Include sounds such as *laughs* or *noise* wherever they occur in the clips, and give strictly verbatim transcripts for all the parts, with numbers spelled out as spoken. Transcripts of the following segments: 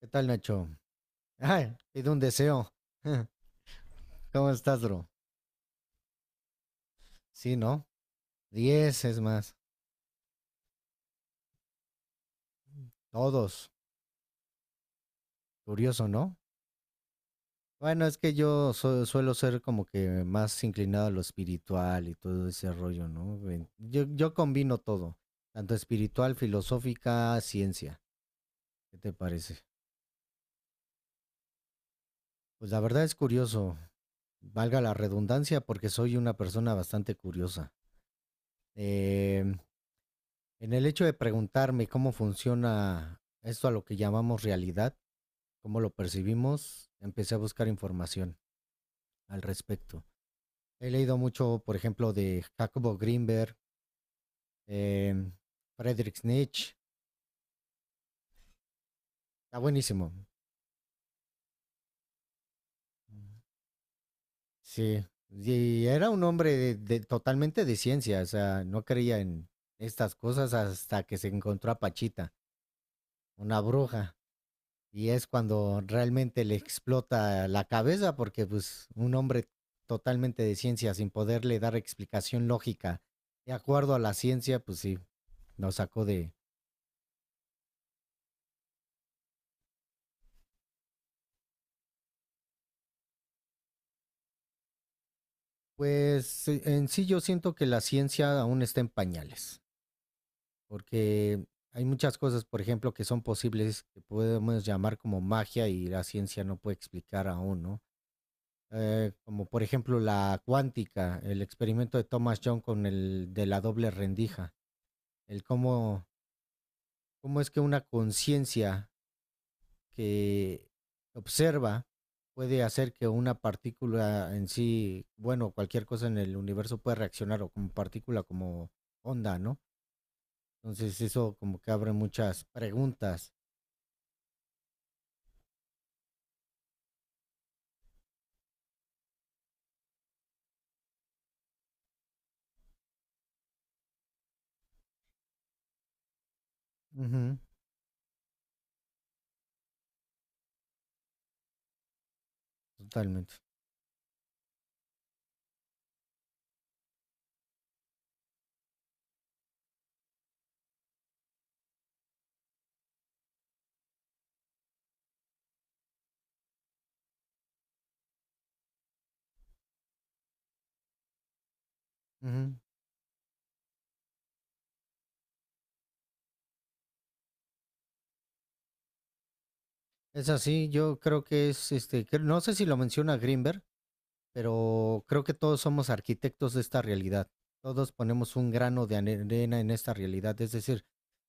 ¿Qué tal, Nacho? Ay, pido un deseo. *laughs* ¿Cómo estás, bro? Sí, ¿no? Diez es más. Todos. Curioso, ¿no? Bueno, es que yo su- suelo ser como que más inclinado a lo espiritual y todo ese rollo, ¿no? Ven, Yo, yo combino todo, tanto espiritual, filosófica, ciencia. ¿Qué te parece? Pues la verdad es curioso, valga la redundancia, porque soy una persona bastante curiosa. Em, en el hecho de preguntarme cómo funciona esto a lo que llamamos realidad, cómo lo percibimos, empecé a buscar información al respecto. He leído mucho, por ejemplo, de Jacobo Greenberg, eh, Friedrich Nietzsche. Está buenísimo. Sí. Y era un hombre de, de- totalmente de ciencia, o sea, no creía en estas cosas hasta que se encontró a Pachita, una bruja. Y es cuando realmente le explota la cabeza porque pues un hombre totalmente de ciencia sin poderle dar explicación lógica de acuerdo a la ciencia, pues sí, Lo sacó de, pues eh, en sí yo siento que la ciencia aún está en pañales, porque hay muchas cosas, por ejemplo, que son posibles que podemos llamar como magia y la ciencia no puede explicar aún, ¿no? Eh, como por ejemplo la cuántica, el experimento de Thomas John con el de la doble rendija, el cómo, cómo es que una conciencia que observa puede hacer que una partícula en sí, bueno, cualquier cosa en el universo puede reaccionar o como partícula, como onda, ¿no? Entonces eso como que abre muchas preguntas. Ujú, totalmente. Ujú. Es así, yo creo que es, este, que- no sé si lo menciona Greenberg, pero creo que todos somos arquitectos de esta realidad. Todos ponemos un grano de ane- arena en esta realidad, es decir,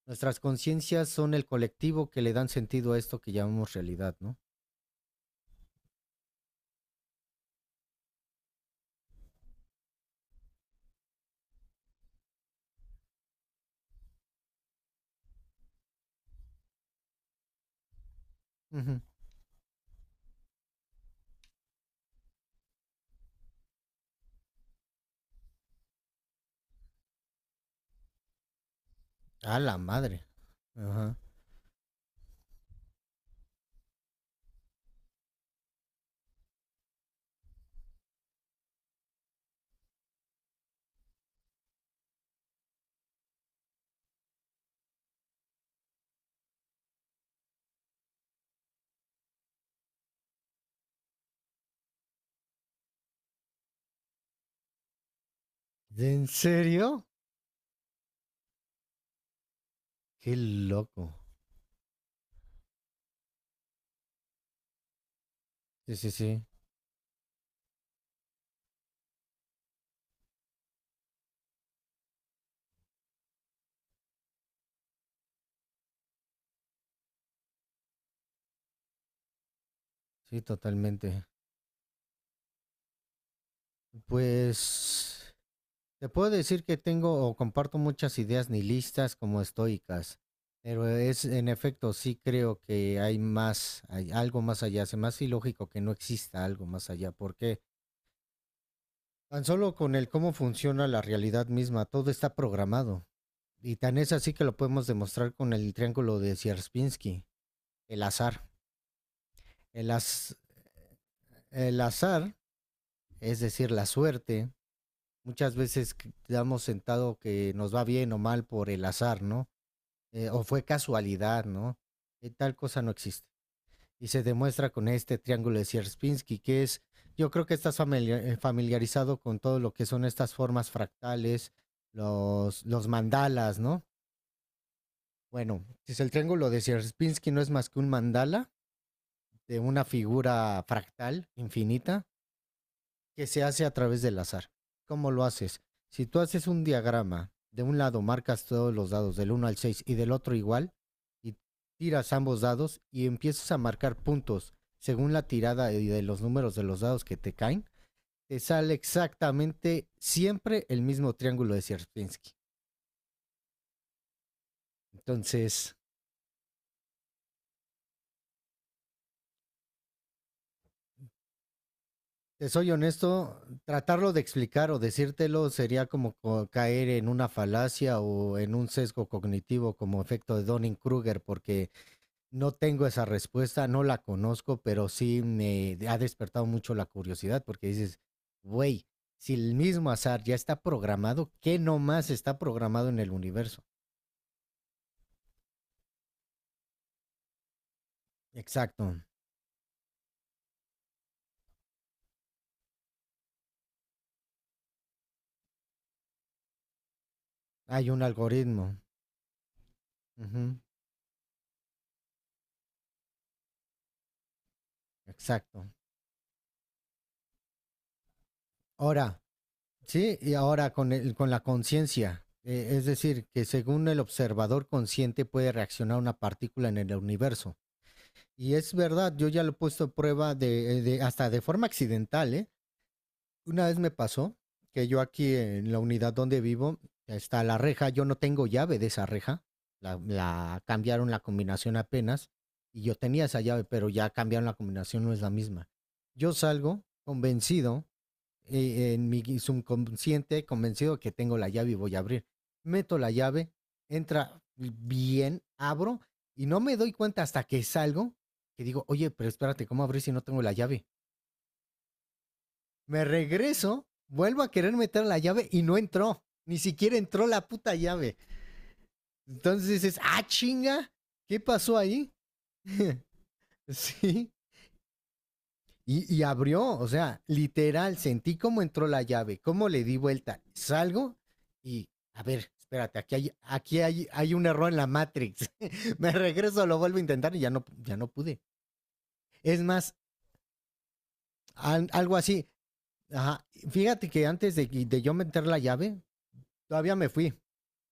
nuestras conciencias son el colectivo que le dan sentido a esto que llamamos realidad, ¿no? Ujú. A la madre. Ajá. ¿De en serio? Qué loco. Sí, sí, sí. Sí, totalmente. Pues te puedo decir que tengo o comparto muchas ideas nihilistas como estoicas, pero es en efecto sí creo que hay más, hay algo más allá. Se me hace ilógico que no exista algo más allá, porque tan solo con el cómo funciona la realidad misma, todo está programado. Y tan es así que lo podemos demostrar con el triángulo de Sierpinski, el azar. El, az- el azar, es decir, la suerte, muchas veces que damos sentado que nos va bien o mal por el azar, ¿no? Eh, o fue casualidad, ¿no? Eh, tal cosa no existe. Y se demuestra con este triángulo de Sierpinski, que es, yo creo que estás familia- eh, familiarizado con todo lo que son estas formas fractales, los, los mandalas, ¿no? Bueno, si el triángulo de Sierpinski no es más que un mandala de una figura fractal infinita, que se hace a través del azar. ¿Cómo lo haces? Si tú haces un diagrama, de un lado marcas todos los dados del uno al seis y del otro igual, y tiras ambos dados y empiezas a marcar puntos según la tirada y de los números de los dados que te caen, te sale exactamente siempre el mismo triángulo de Sierpinski. Entonces, te soy honesto, tratarlo de explicar o decírtelo sería como caer en una falacia o en un sesgo cognitivo como efecto de Donning-Kruger, porque no tengo esa respuesta, no la conozco, pero sí me ha despertado mucho la curiosidad porque dices, güey, si el mismo azar ya está programado, ¿qué nomás está programado en el universo? Exacto, hay un algoritmo. Ujú, exacto. Ahora, sí, y ahora con, el- con la conciencia, eh, es decir, que según el observador consciente puede reaccionar una partícula en el universo. Y es verdad, yo ya lo he puesto a prueba de, eh, de- hasta de forma accidental, ¿eh? Una vez me pasó que yo aquí en la unidad donde vivo está la reja, yo no tengo llave de esa reja, la, la cambiaron la combinación apenas y yo tenía esa llave, pero ya cambiaron la combinación, no es la misma. Yo salgo convencido, eh, en mi subconsciente, convencido que tengo la llave y voy a abrir. Meto la llave, entra bien, abro y no me doy cuenta hasta que salgo que digo, oye, pero espérate, ¿cómo abrir si no tengo la llave? Me regreso, vuelvo a querer meter la llave y no entró. Ni siquiera entró la puta llave. Entonces dices, ah, chinga, ¿qué pasó ahí? *laughs* Sí. Y, y abrió, o sea, literal, sentí cómo entró la llave, cómo le di vuelta. Salgo y, a ver, espérate, aquí hay, aquí hay, hay un error en la Matrix. *laughs* Me regreso, lo vuelvo a intentar y ya no, ya no pude. Es más, al- algo así. Ajá. Fíjate que antes de, de yo meter la llave, todavía me fui.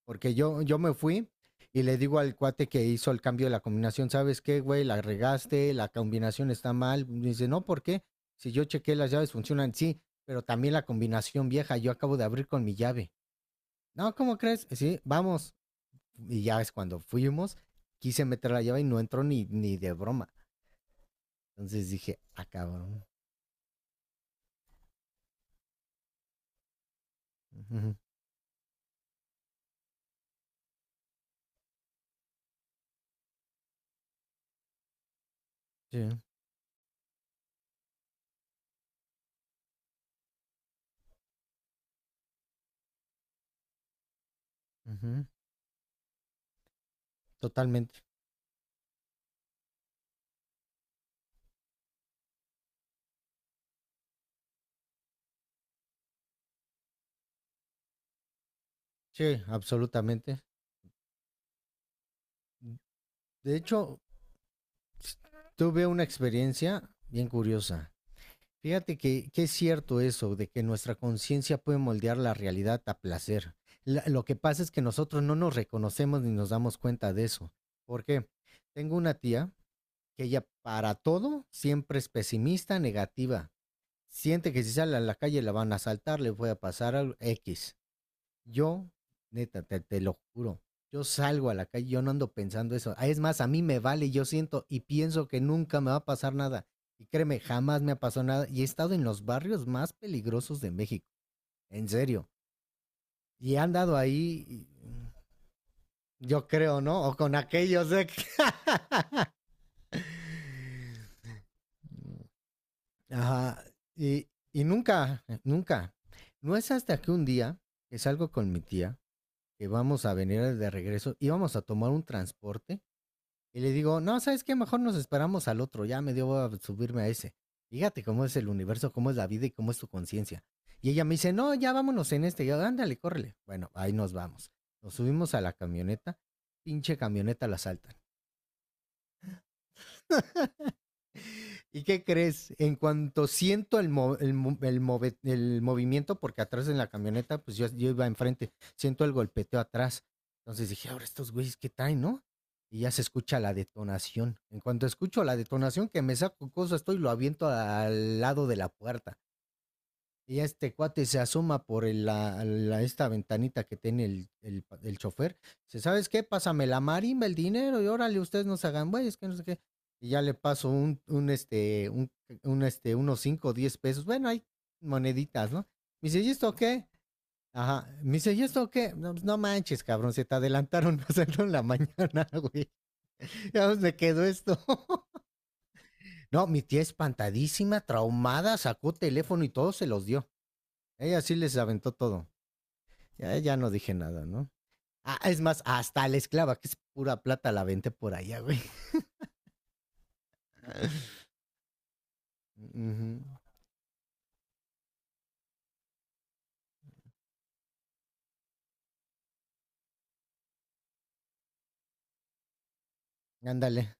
Porque yo, yo me fui y le digo al cuate que hizo el cambio de la combinación, ¿sabes qué, güey? La regaste, la combinación está mal. Me dice, no, ¿por qué? Si yo chequé las llaves funcionan, sí, pero también la combinación vieja, yo acabo de abrir con mi llave. No, ¿cómo crees? Sí, vamos. Y ya es cuando fuimos, quise meter la llave y no entró ni, ni de broma. Entonces dije, ah, cabrón. Ujú, sí, ujú, totalmente. Sí, absolutamente. De hecho, tuve una experiencia bien curiosa. Fíjate que, que es cierto eso, de que nuestra conciencia puede moldear la realidad a placer. La- lo que pasa es que nosotros no nos reconocemos ni nos damos cuenta de eso. ¿Por qué? Tengo una tía que ella para todo siempre es pesimista, negativa. Siente que si sale a la calle la van a asaltar, le puede pasar algo X. Yo, neta, te, te lo juro, yo salgo a la calle, yo no ando pensando eso. Ah, es más, a mí me vale, yo siento y pienso que nunca me va a pasar nada. Y créeme, jamás me ha pasado nada. Y he estado en los barrios más peligrosos de México, en serio. Y he andado ahí, y, mm, yo creo, ¿no? O con aquellos de... que- *laughs* Ajá. Y, y nunca, nunca. No es hasta que un día que salgo con mi tía, que vamos a venir de regreso, íbamos a tomar un transporte. Y le digo, no, ¿sabes qué? Mejor nos esperamos al otro, ya me dio a subirme a ese. Fíjate cómo es el universo, cómo es la vida y cómo es tu conciencia. Y ella me dice, no, ya vámonos en este. Y yo, ándale, córrele. Bueno, ahí nos vamos. Nos subimos a la camioneta, pinche camioneta la saltan. ¿Y qué crees? En cuanto siento el, mo- el, mo- el move- el movimiento, porque atrás en la camioneta, pues yo, yo iba enfrente, siento el golpeteo atrás. Entonces dije, ahora estos güeyes, ¿qué traen, no? Y ya se escucha la detonación. En cuanto escucho la detonación, que me saco cosas, estoy lo aviento al lado de la puerta. Y ya este cuate se asoma por el- la, la- esta ventanita que tiene el, el pa- el chofer. Dice, ¿sabes qué? Pásame la marimba, el dinero, y órale, ustedes no se hagan güeyes, que no sé qué. Y ya le paso un, un este, un, un, este, unos cinco o diez pesos. Bueno, hay moneditas, ¿no? Me dice, ¿y esto qué? Ajá. Me dice, ¿y esto qué? No, pues, no manches, cabrón, se te adelantaron, *laughs* pasaron en la mañana, güey. Ya me quedó esto. *laughs* No, mi tía espantadísima, traumada, sacó teléfono y todo se los dio. Ella sí les aventó todo. Ya, ya no dije nada, ¿no? Ah, es más, hasta la esclava, que es pura plata, la vente por allá, güey. Ujú. Ándale.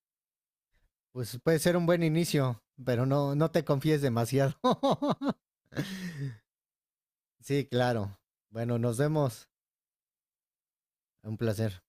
Pues puede ser un buen inicio, pero no, no te confíes demasiado. *laughs* Sí, claro. Bueno, nos vemos. Un placer.